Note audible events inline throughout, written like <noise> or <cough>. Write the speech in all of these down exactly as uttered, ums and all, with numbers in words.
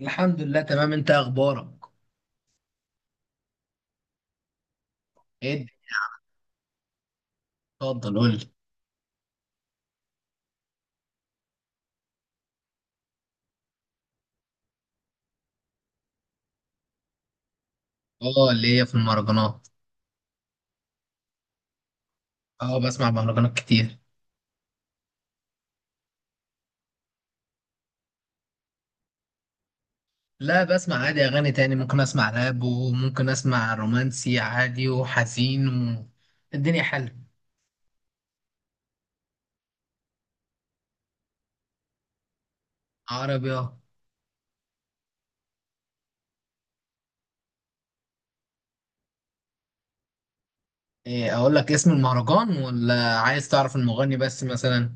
الحمد لله، تمام. انت إيه اخبارك؟ ايه الدنيا؟ اتفضل، قول لي. اه، اللي هي في المهرجانات. اه، بسمع مهرجانات كتير. لا، بسمع عادي اغاني تاني. ممكن اسمع راب وممكن اسمع رومانسي عادي وحزين و... الدنيا حلوه. عربي، اه. ايه، اقول لك اسم المهرجان ولا عايز تعرف المغني بس مثلا؟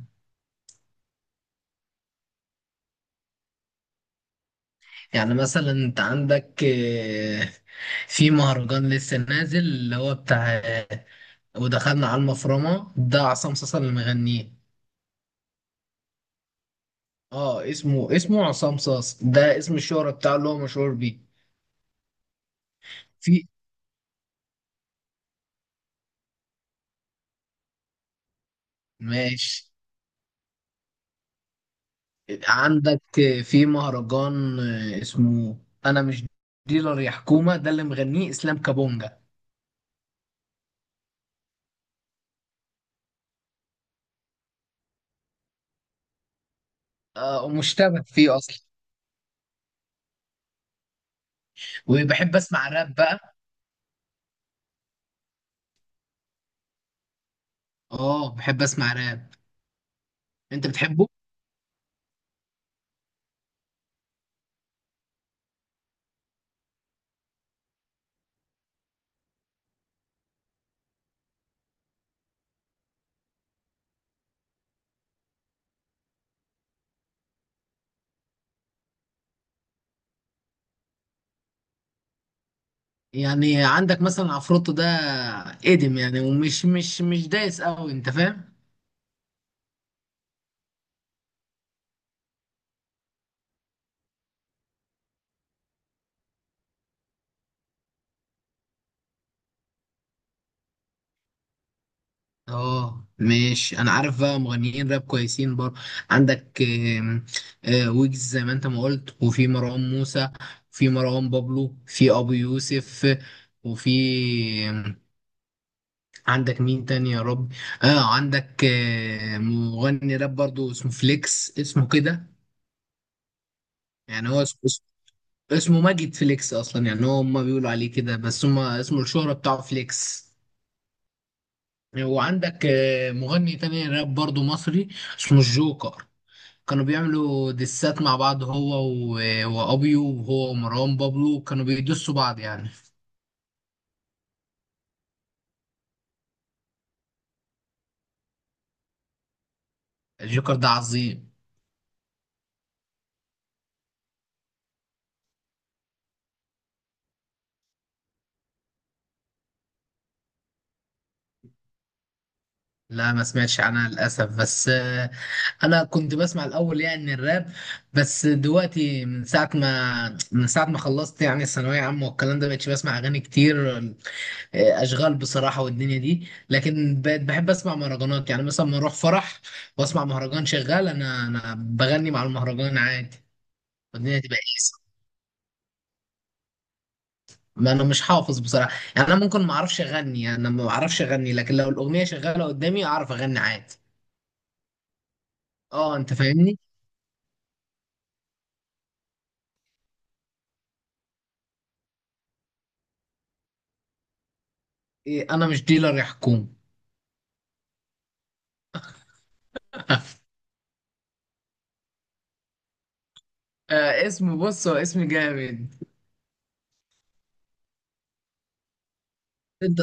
يعني مثلا انت عندك ايه، في مهرجان لسه نازل اللي هو بتاع ايه، ودخلنا على المفرمه، ده عصام صاصا اللي مغنيه. اه، اسمه اسمه عصام صاص، ده اسم الشهرة بتاعه اللي هو مشهور بيه. في. ماشي. عندك. في مهرجان، آه، اسمه انا مش ديلر يا حكومة، ده اللي مغنيه اسلام كابونجا. آه، ومشتبك فيه اصلا. وبحب اسمع راب بقى. اه، بحب اسمع راب. انت بتحبه؟ يعني عندك مثلا عفروتو ده، قديم يعني، ومش مش مش دايس قوي، انت فاهم. اه ماشي، انا عارف بقى مغنيين راب كويسين برضه. عندك آم، آه، ويجز زي ما انت ما قلت، وفي مروان موسى، في مروان بابلو، في ابو يوسف، وفي آم، عندك مين تاني يا رب؟ اه، عندك آه، مغني راب برضه اسمه فليكس، اسمه كده. يعني هو اسمه اسمه اسمه ماجد فليكس اصلا، يعني هو هما بيقولوا عليه كده، بس هما اسمه الشهرة بتاعه فليكس. وعندك آه، مغني تاني راب برضه مصري، اسمه الجوكر. كانوا بيعملوا دسات مع بعض، هو و... وابيو، وهو ومروان بابلو كانوا بيدسوا بعض يعني. الجوكر ده عظيم. لا، ما سمعتش عنها للاسف، بس آه، انا كنت بسمع الاول يعني الراب. بس دلوقتي من ساعه ما من ساعه ما خلصت يعني الثانويه عامه والكلام ده، بقتش بسمع اغاني كتير. آه، اشغال بصراحه والدنيا دي، لكن بقيت بحب اسمع مهرجانات. يعني مثلا ما اروح فرح واسمع مهرجان شغال، انا انا بغني مع المهرجان عادي. والدنيا تبقى. ما انا مش حافظ بصراحه. يعني انا ممكن ما اعرفش اغني. يعني انا ما اعرفش اغني، لكن لو الاغنيه شغاله قدامي اعرف اغني عادي. اه، انت فاهمني. إيه، انا مش ديلر يا حكومه. <laughs> آه، اسم بص، هو اسم جامد. انت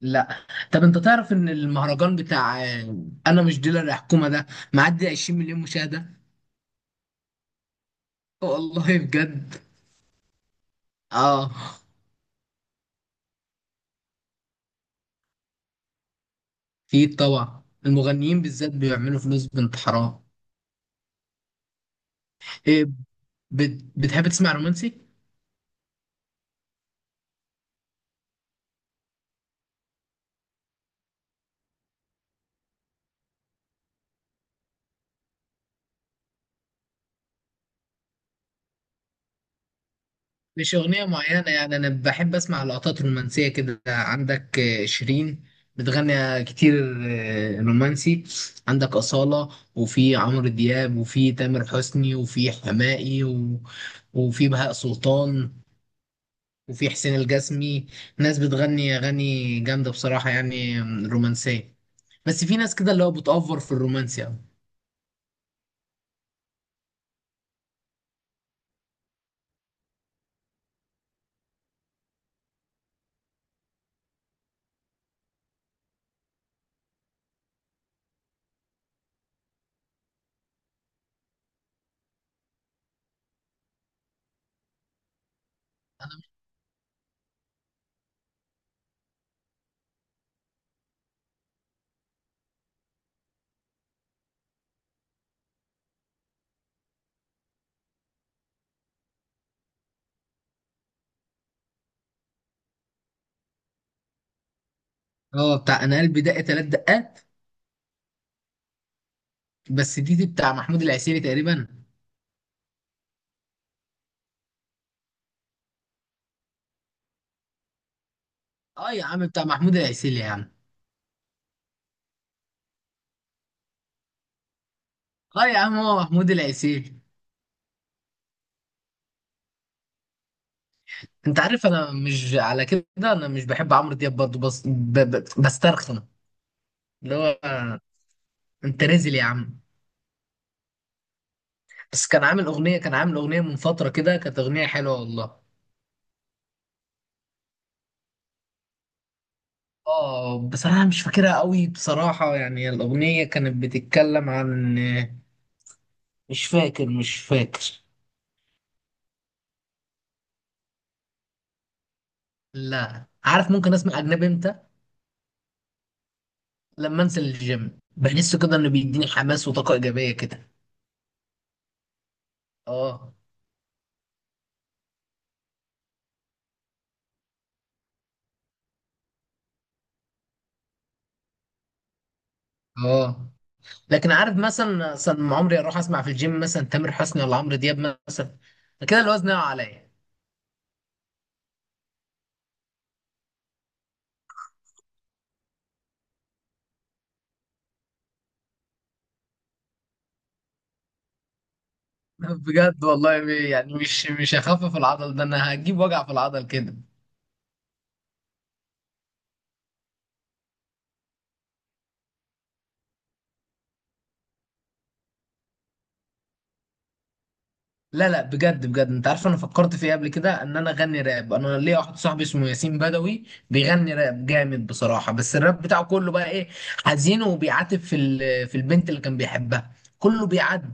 لا. طب انت تعرف ان المهرجان بتاع آه، انا مش ديلر يا حكومه ده، معدي 20 مليون مشاهده. والله بجد. اه، في طبعا. المغنيين بالذات بيعملوا فلوس بنت حرام. إيه، بت... بتحب تسمع رومانسي؟ مش أغنية معينة. يعني أنا بحب أسمع لقطات رومانسية كده. عندك آه، شيرين بتغني كتير آه، رومانسي. عندك أصالة، وفي عمرو دياب، وفي تامر حسني، وفي حماقي و... وفي بهاء سلطان، وفي حسين الجسمي. ناس بتغني أغاني جامدة بصراحة يعني، آم، رومانسية. بس في ناس كده اللي هو بتأفور في الرومانسي أوي. اه، بتاع أنا قلبي دق تلات دقات. بس دي دي بتاع محمود العسيلي تقريبا. اه يا عم، بتاع محمود العسيلي يا عم. اه يا عم، هو محمود العسيلي. انت عارف انا مش على كده. انا مش بحب عمرو دياب برضه، بس ب... ب... بسترخن. اللي هو انت نازل يا عم. بس كان عامل اغنيه كان عامل اغنيه من فتره كده، كانت اغنيه حلوه والله. اه، بس انا مش فاكرها قوي بصراحه. يعني الاغنيه كانت بتتكلم عن، مش فاكر، مش فاكر. لا، عارف، ممكن اسمع اجنبي امتى؟ لما انزل الجيم بحس كده انه بيديني حماس وطاقه ايجابيه كده. اه. اه. لكن عارف، مثلا مثلا عمري اروح اسمع في الجيم مثلا تامر حسني ولا عمرو دياب مثلا، كده الوزن يقع عليا. <laughs> بجد والله، ب- يعني مش مش هخفف العضل ده، انا هجيب وجع في العضل كده. لا لا، بجد بجد، انت عارف انا فكرت في ايه قبل كده؟ ان انا اغني راب. انا ليا واحد صاحبي اسمه ياسين بدوي، بيغني راب جامد بصراحه، بس الراب بتاعه كله بقى ايه، حزين، وبيعاتب في ال- في البنت اللي كان بيحبها، كله بيعاتب.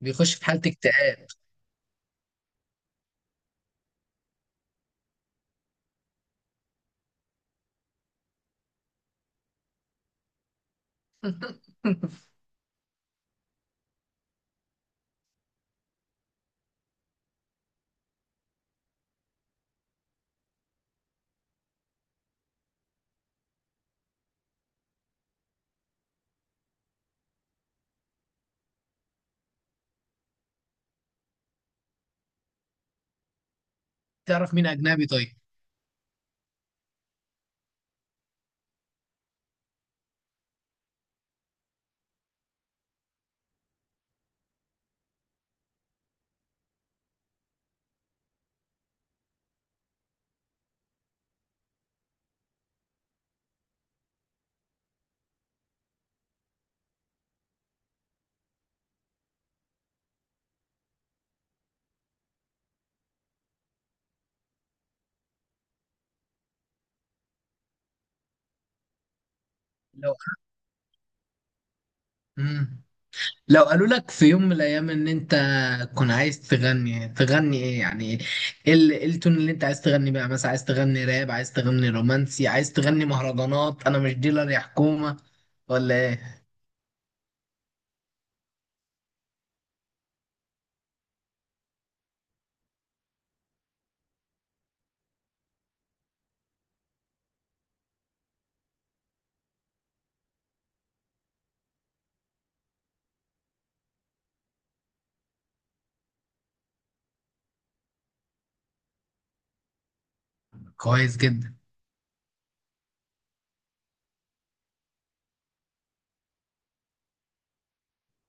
بيخش في حاله اكتئاب. <laughs> تعرف مين اجنبي طيب؟ لو مم. لو قالوا لك في يوم من الايام ان انت كنت عايز تغني، تغني ايه يعني؟ ايه ال- إيه التون اللي انت عايز تغني بقى؟ مثلا عايز تغني راب، عايز تغني رومانسي، عايز تغني مهرجانات انا مش ديلر يا حكومة، ولا ايه؟ كويس جدا.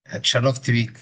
اتشرفت بيك.